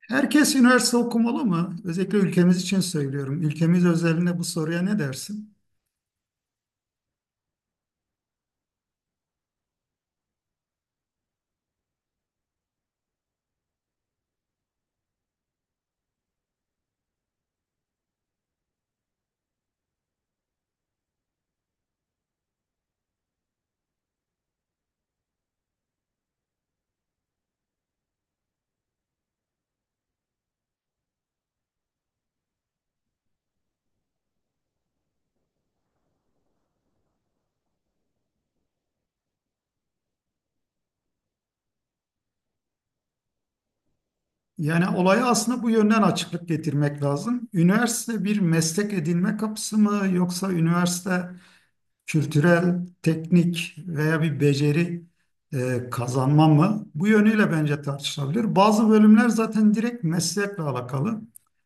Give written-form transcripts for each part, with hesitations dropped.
Herkes üniversite okumalı mı? Özellikle ülkemiz için söylüyorum. Ülkemiz özelinde bu soruya ne dersin? Yani olaya aslında bu yönden açıklık getirmek lazım. Üniversite bir meslek edinme kapısı mı yoksa üniversite kültürel, teknik veya bir beceri kazanma mı? Bu yönüyle bence tartışılabilir. Bazı bölümler zaten direkt meslekle alakalı.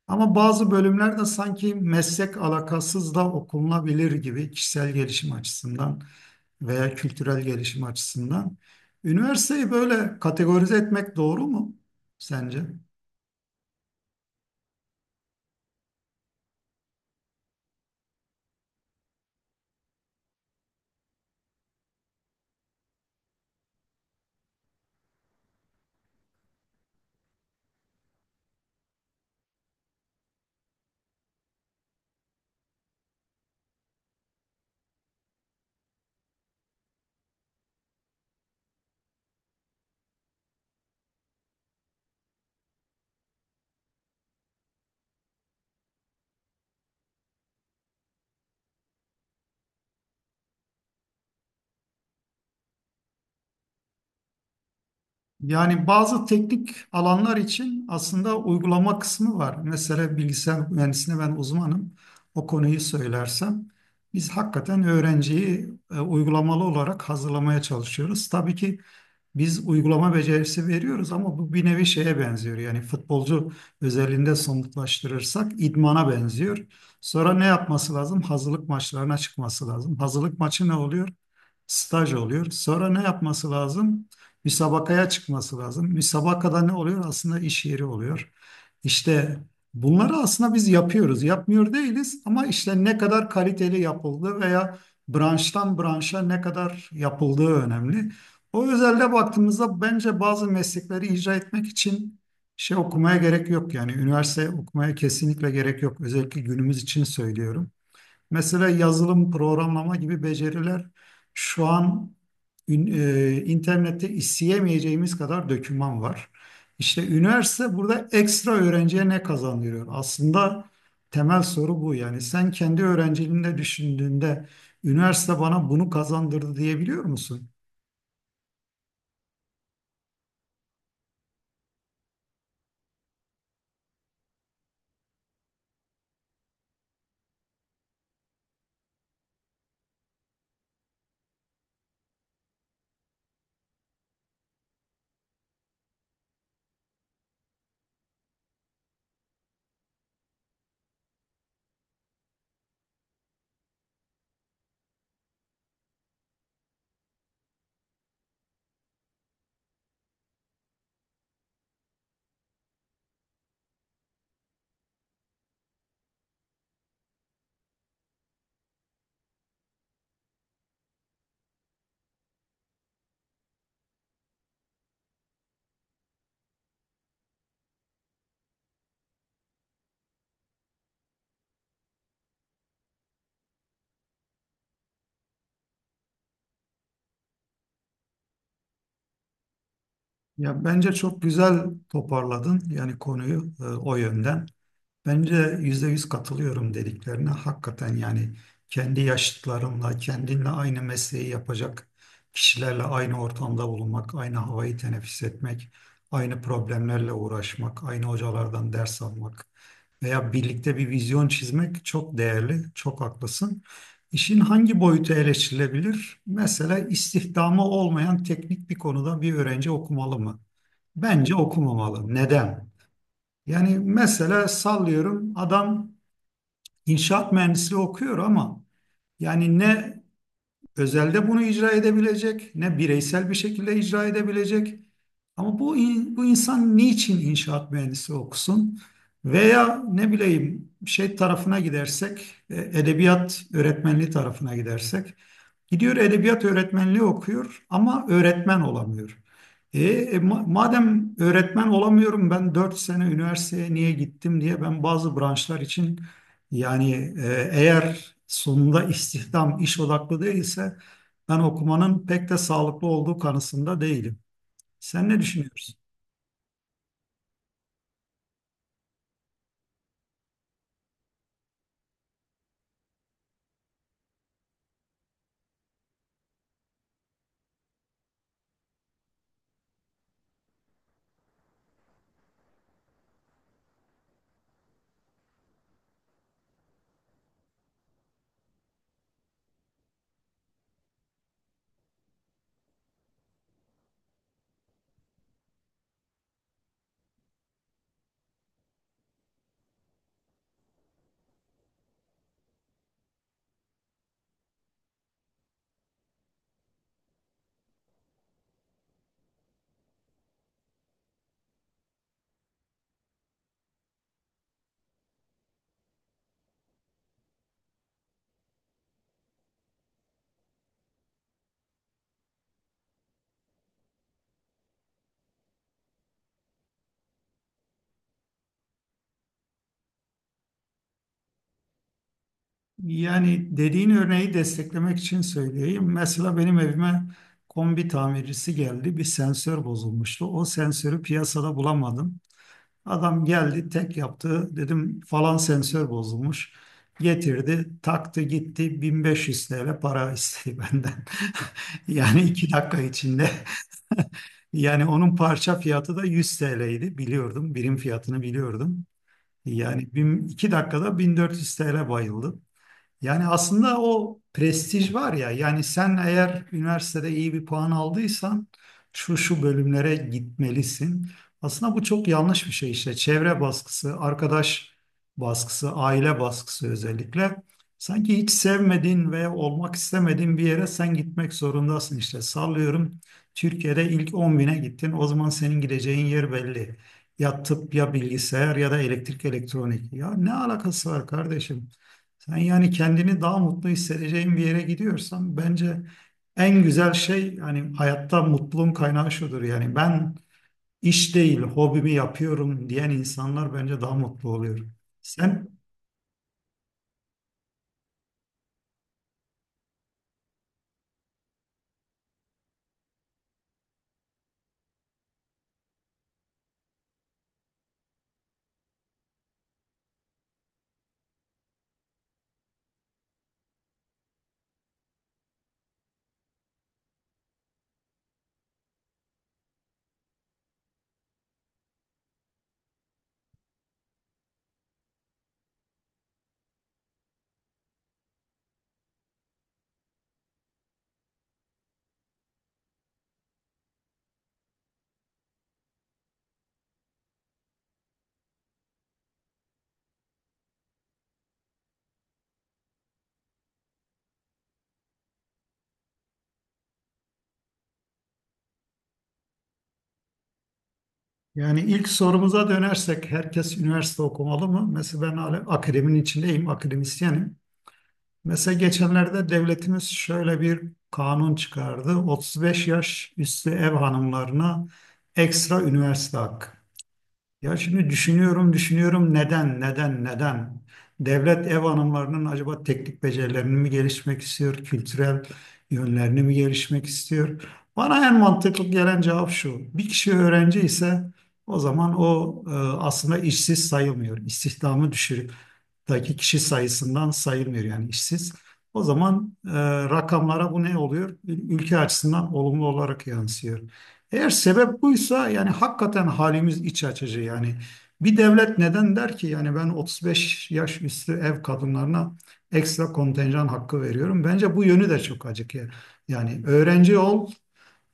Ama bazı bölümler de sanki meslek alakasız da okunabilir gibi kişisel gelişim açısından veya kültürel gelişim açısından. Üniversiteyi böyle kategorize etmek doğru mu sence? Yani bazı teknik alanlar için aslında uygulama kısmı var. Mesela bilgisayar mühendisliğine ben uzmanım. O konuyu söylersem biz hakikaten öğrenciyi uygulamalı olarak hazırlamaya çalışıyoruz. Tabii ki biz uygulama becerisi veriyoruz ama bu bir nevi şeye benziyor. Yani futbolcu özelliğinde somutlaştırırsak idmana benziyor. Sonra ne yapması lazım? Hazırlık maçlarına çıkması lazım. Hazırlık maçı ne oluyor? Staj oluyor. Sonra ne yapması lazım? Müsabakaya çıkması lazım. Müsabakada ne oluyor? Aslında iş yeri oluyor. İşte bunları aslında biz yapıyoruz. Yapmıyor değiliz ama işte ne kadar kaliteli yapıldı veya branştan branşa ne kadar yapıldığı önemli. O özelde baktığımızda bence bazı meslekleri icra etmek için şey okumaya gerek yok yani üniversite okumaya kesinlikle gerek yok özellikle günümüz için söylüyorum. Mesela yazılım, programlama gibi beceriler şu an internette isteyemeyeceğimiz kadar döküman var. İşte üniversite burada ekstra öğrenciye ne kazandırıyor? Aslında temel soru bu yani sen kendi öğrenciliğinde düşündüğünde üniversite bana bunu kazandırdı diyebiliyor musun? Ya bence çok güzel toparladın yani konuyu o yönden. Bence yüzde yüz katılıyorum dediklerine. Hakikaten yani kendi yaşıtlarımla, kendinle aynı mesleği yapacak kişilerle aynı ortamda bulunmak, aynı havayı teneffüs etmek, aynı problemlerle uğraşmak, aynı hocalardan ders almak veya birlikte bir vizyon çizmek çok değerli, çok haklısın. İşin hangi boyutu eleştirilebilir? Mesela istihdamı olmayan teknik bir konuda bir öğrenci okumalı mı? Bence okumamalı. Neden? Yani mesela sallıyorum adam inşaat mühendisliği okuyor ama yani ne özelde bunu icra edebilecek ne bireysel bir şekilde icra edebilecek. Ama bu bu insan niçin inşaat mühendisi okusun? Veya ne bileyim şey tarafına gidersek, edebiyat öğretmenliği tarafına gidersek, gidiyor edebiyat öğretmenliği okuyor ama öğretmen olamıyor. Madem öğretmen olamıyorum ben 4 sene üniversiteye niye gittim diye ben bazı branşlar için yani eğer sonunda istihdam iş odaklı değilse ben okumanın pek de sağlıklı olduğu kanısında değilim. Sen ne düşünüyorsun? Yani dediğin örneği desteklemek için söyleyeyim. Mesela benim evime kombi tamircisi geldi. Bir sensör bozulmuştu. O sensörü piyasada bulamadım. Adam geldi tek yaptı. Dedim falan sensör bozulmuş. Getirdi, taktı gitti. 1500 TL para istedi benden. Yani iki dakika içinde. Yani onun parça fiyatı da 100 TL'ydi. Biliyordum. Birim fiyatını biliyordum. Yani iki dakikada 1400 TL bayıldı. Yani aslında o prestij var ya yani sen eğer üniversitede iyi bir puan aldıysan şu şu bölümlere gitmelisin. Aslında bu çok yanlış bir şey işte çevre baskısı, arkadaş baskısı, aile baskısı özellikle. Sanki hiç sevmediğin ve olmak istemediğin bir yere sen gitmek zorundasın işte sallıyorum. Türkiye'de ilk 10 bine gittin o zaman senin gideceğin yer belli. Ya tıp ya bilgisayar ya da elektrik elektronik. Ya ne alakası var kardeşim? Sen yani kendini daha mutlu hissedeceğin bir yere gidiyorsan bence en güzel şey hani hayatta mutluluğun kaynağı şudur. Yani ben iş değil hobimi yapıyorum diyen insanlar bence daha mutlu oluyor. Sen Yani ilk sorumuza dönersek herkes üniversite okumalı mı? Mesela ben hala akademinin içindeyim, akademisyenim. Mesela geçenlerde devletimiz şöyle bir kanun çıkardı. 35 yaş üstü ev hanımlarına ekstra üniversite hakkı. Ya şimdi düşünüyorum, düşünüyorum neden, neden, neden? Devlet ev hanımlarının acaba teknik becerilerini mi gelişmek istiyor, kültürel yönlerini mi gelişmek istiyor? Bana en mantıklı gelen cevap şu. Bir kişi öğrenci ise o zaman o aslında işsiz sayılmıyor. İstihdamı düşürükteki kişi sayısından sayılmıyor yani işsiz. O zaman rakamlara bu ne oluyor? Ülke açısından olumlu olarak yansıyor. Eğer sebep buysa yani hakikaten halimiz iç açıcı yani. Bir devlet neden der ki yani ben 35 yaş üstü ev kadınlarına ekstra kontenjan hakkı veriyorum. Bence bu yönü de çok acık ya. Yani öğrenci ol,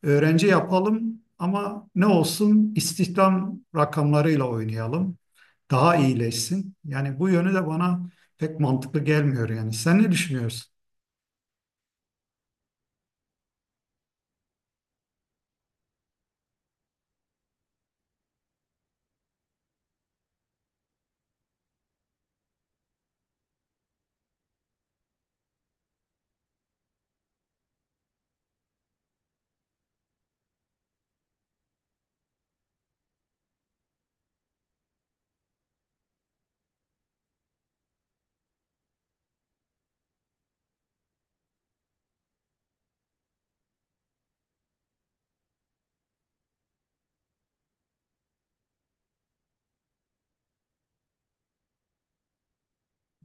öğrenci yapalım ama ne olsun istihdam rakamlarıyla oynayalım. Daha iyileşsin. Yani bu yönü de bana pek mantıklı gelmiyor yani. Sen ne düşünüyorsun?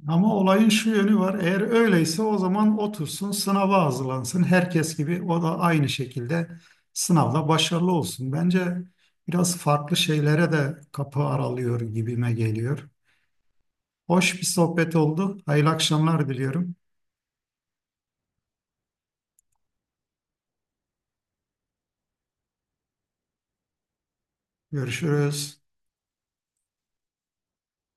Ama olayın şu yönü var. Eğer öyleyse o zaman otursun sınava hazırlansın. Herkes gibi o da aynı şekilde sınavda başarılı olsun. Bence biraz farklı şeylere de kapı aralıyor gibime geliyor. Hoş bir sohbet oldu. Hayırlı akşamlar diliyorum. Görüşürüz.